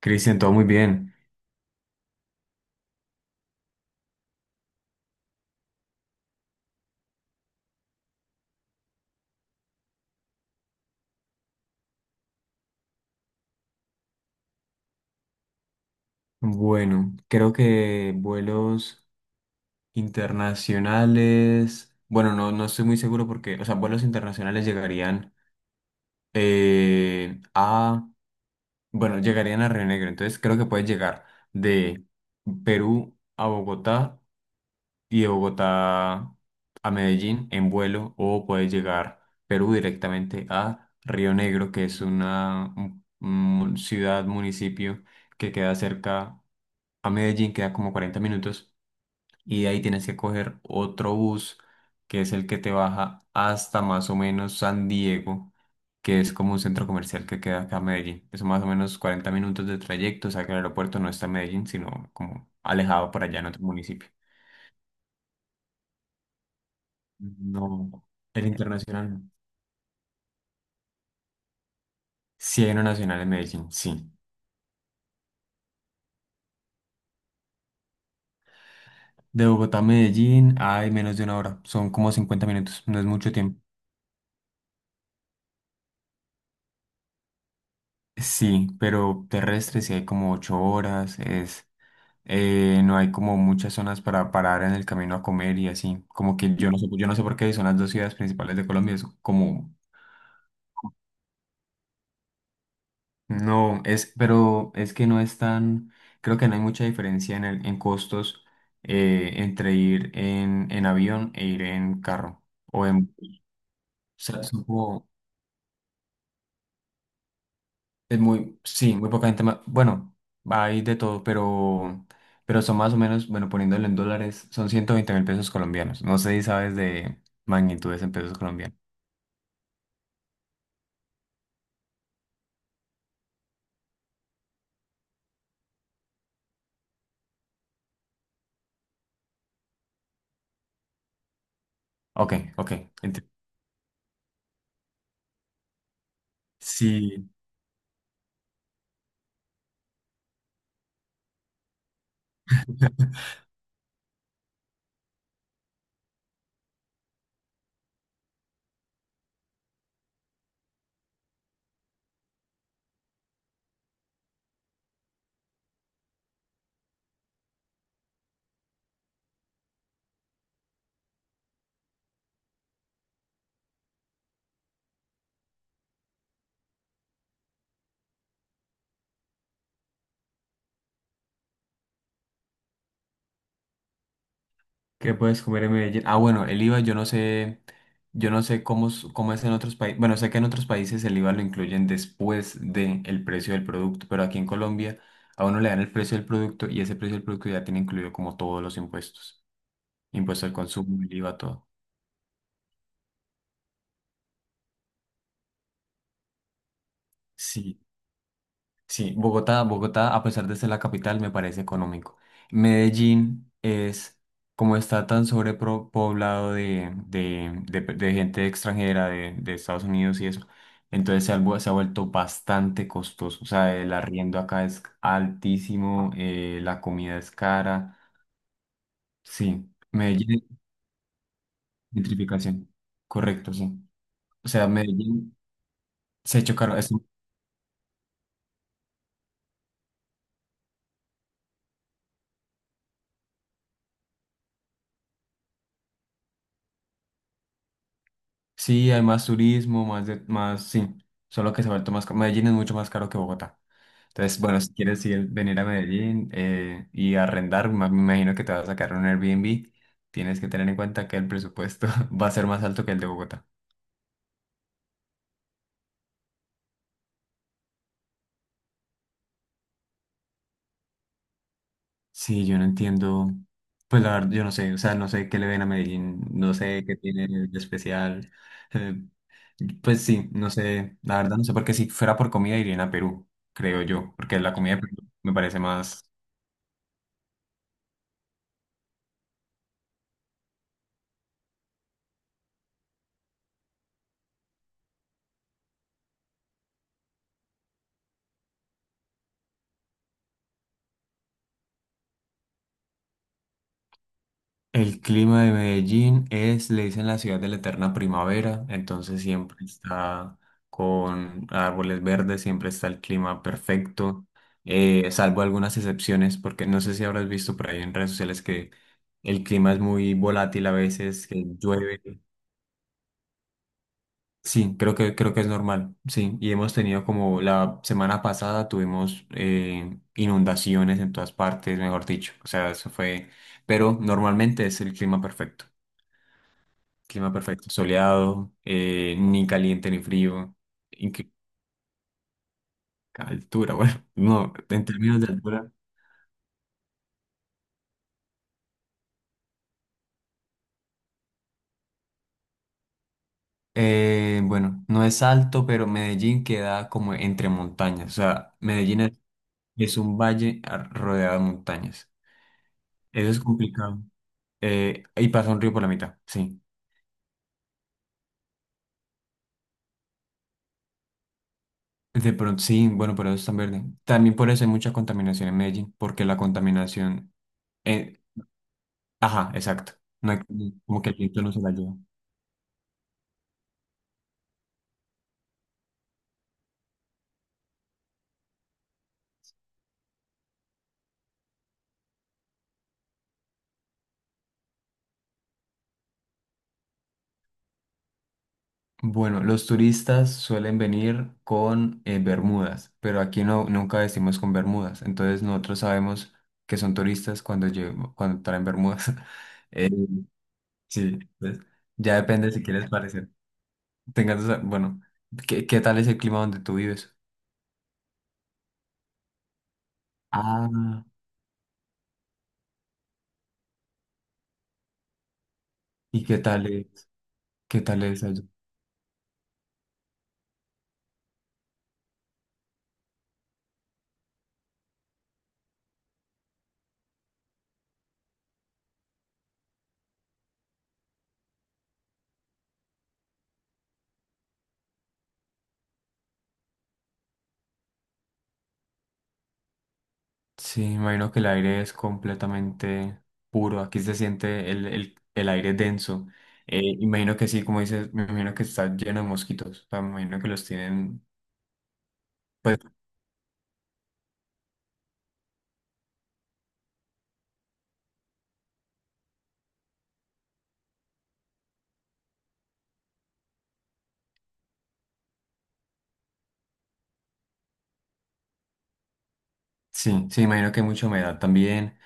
Cristian, todo muy bien. Bueno, creo que vuelos internacionales, bueno, no, estoy muy seguro porque, o sea, vuelos internacionales llegarían eh, a, bueno, llegarían a Río Negro, entonces creo que puedes llegar de Perú a Bogotá y de Bogotá a Medellín en vuelo o puedes llegar Perú directamente a Río Negro, que es un ciudad, municipio que queda cerca a Medellín, queda como 40 minutos, y de ahí tienes que coger otro bus, que es el que te baja hasta más o menos San Diego, que es como un centro comercial que queda acá a Medellín. Eso más o menos 40 minutos de trayecto, o sea que el aeropuerto no está en Medellín, sino como alejado por allá en otro municipio. No, el internacional no. Sí, hay uno nacional en Medellín, sí. De Bogotá a Medellín hay menos de una hora, son como 50 minutos, no es mucho tiempo. Sí, pero terrestre sí hay como 8 horas, es no hay como muchas zonas para parar en el camino a comer y así. Como que yo no sé por qué son las dos ciudades principales de Colombia. Es como, no, es, pero es que no es tan, creo que no hay mucha diferencia en costos entre ir en avión e ir en carro. O en, o sea, son como... Es muy, sí, muy poca gente más. Bueno, hay de todo, pero son más o menos, bueno, poniéndolo en dólares, son 120.000 pesos colombianos. No sé si sabes de magnitudes en pesos colombianos. Ok, ok. ent- Sí. ¿Qué puedes comer en Medellín? Ah, bueno, el IVA yo no sé cómo es en otros países. Bueno, sé que en otros países el IVA lo incluyen después del precio del producto, pero aquí en Colombia a uno le dan el precio del producto y ese precio del producto ya tiene incluido como todos los impuestos. Impuesto al consumo, el IVA, todo. Sí, sí. Bogotá, Bogotá, a pesar de ser la capital, me parece económico. Medellín es, como está tan sobrepoblado de gente extranjera de Estados Unidos y eso, entonces se ha vuelto bastante costoso. O sea, el arriendo acá es altísimo, la comida es cara. Sí, Medellín, gentrificación. Correcto, sí. O sea, Medellín se ha hecho caro. Sí, hay más turismo, sí, solo que se ha vuelto más caro. Medellín es mucho más caro que Bogotá. Entonces, bueno, si quieres ir, venir a Medellín y arrendar, me imagino que te vas a sacar un Airbnb, tienes que tener en cuenta que el presupuesto va a ser más alto que el de Bogotá. Sí, yo no entiendo, pues la verdad, yo no sé, o sea, no sé qué le ven a Medellín, no sé qué tiene de especial. eh, pues sí, no sé, la verdad no sé, porque si fuera por comida irían a Perú, creo yo, porque la comida de Perú me parece más. El clima de Medellín es, le dicen la ciudad de la eterna primavera, entonces siempre está con árboles verdes, siempre está el clima perfecto, salvo algunas excepciones, porque no sé si habrás visto por ahí en redes sociales que el clima es muy volátil a veces, que llueve. Sí, creo que es normal, sí. Y hemos tenido como la semana pasada tuvimos inundaciones en todas partes, mejor dicho. O sea, eso fue, pero normalmente es el clima perfecto. Clima perfecto, soleado, ni caliente ni frío. ¿En qué altura? Bueno, no, en términos de altura. Bueno, no es alto, pero Medellín queda como entre montañas. O sea, Medellín es un valle rodeado de montañas. Eso es complicado. Y pasa un río por la mitad, sí. De pronto, sí, bueno, pero eso es tan verde. También por eso hay mucha contaminación en Medellín, porque la contaminación... eh, ajá, exacto. No hay- Como que el viento no se la lleva. Bueno, los turistas suelen venir con bermudas, pero aquí no, nunca vestimos con bermudas, entonces nosotros sabemos que son turistas cuando traen bermudas. Eh, sí, pues, ya depende si quieres parecer. Bueno, ¿qué, qué tal es el clima donde tú vives? Ah, ¿y qué tal es? ¿Qué tal es allá? Sí, me imagino que el aire es completamente puro. Aquí se siente el aire denso. Imagino que sí, como dices, me imagino que está lleno de mosquitos. O sea, me imagino que los tienen. Pues sí, sí, imagino que hay mucha humedad también.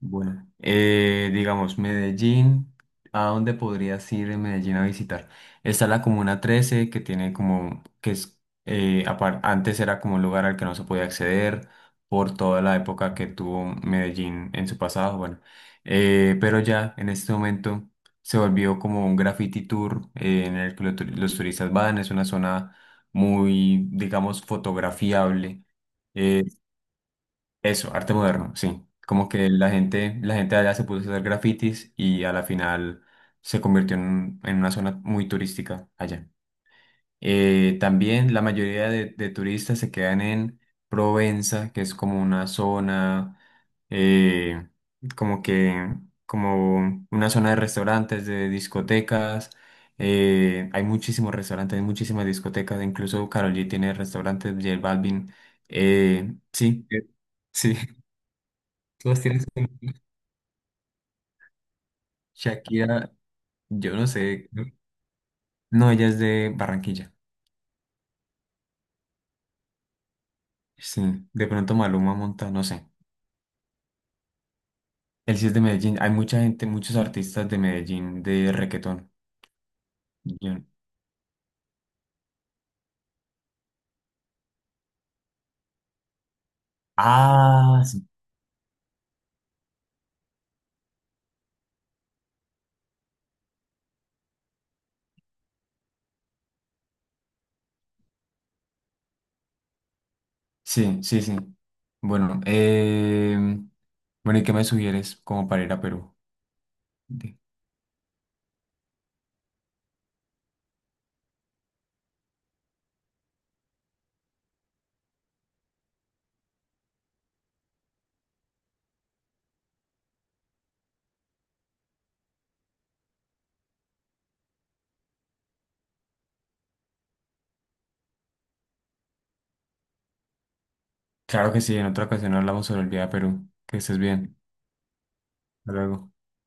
Bueno, digamos, Medellín, ¿a dónde podrías ir en Medellín a visitar? Está la Comuna 13, que es, antes era como un lugar al que no se podía acceder por toda la época que tuvo Medellín en su pasado, bueno. Pero ya en este momento se volvió como un graffiti tour en el que los turistas van, es una zona muy, digamos, fotografiable. eh, Eso, arte moderno, sí. Como que la gente allá se puso a hacer grafitis y a la final se convirtió en una zona muy turística allá. También la mayoría de turistas se quedan en Provenza, que es como una zona, eh, como que, como una zona de restaurantes, de discotecas. Hay muchísimos restaurantes, hay muchísimas discotecas, incluso Karol G tiene restaurantes, J Balvin. eh, sí, eh, sí. Todas tienen su nombre. Shakira, yo no sé. No, ella es de Barranquilla. Sí, de pronto Maluma monta, no sé. Él sí es de Medellín. Hay mucha gente, muchos artistas de Medellín de reggaetón. Yo- Ah, sí. Bueno, bueno, ¿y qué me sugieres como para ir a Perú? De- Claro que sí, en otra ocasión hablamos sobre el viaje a Perú. Que estés bien. Hasta luego.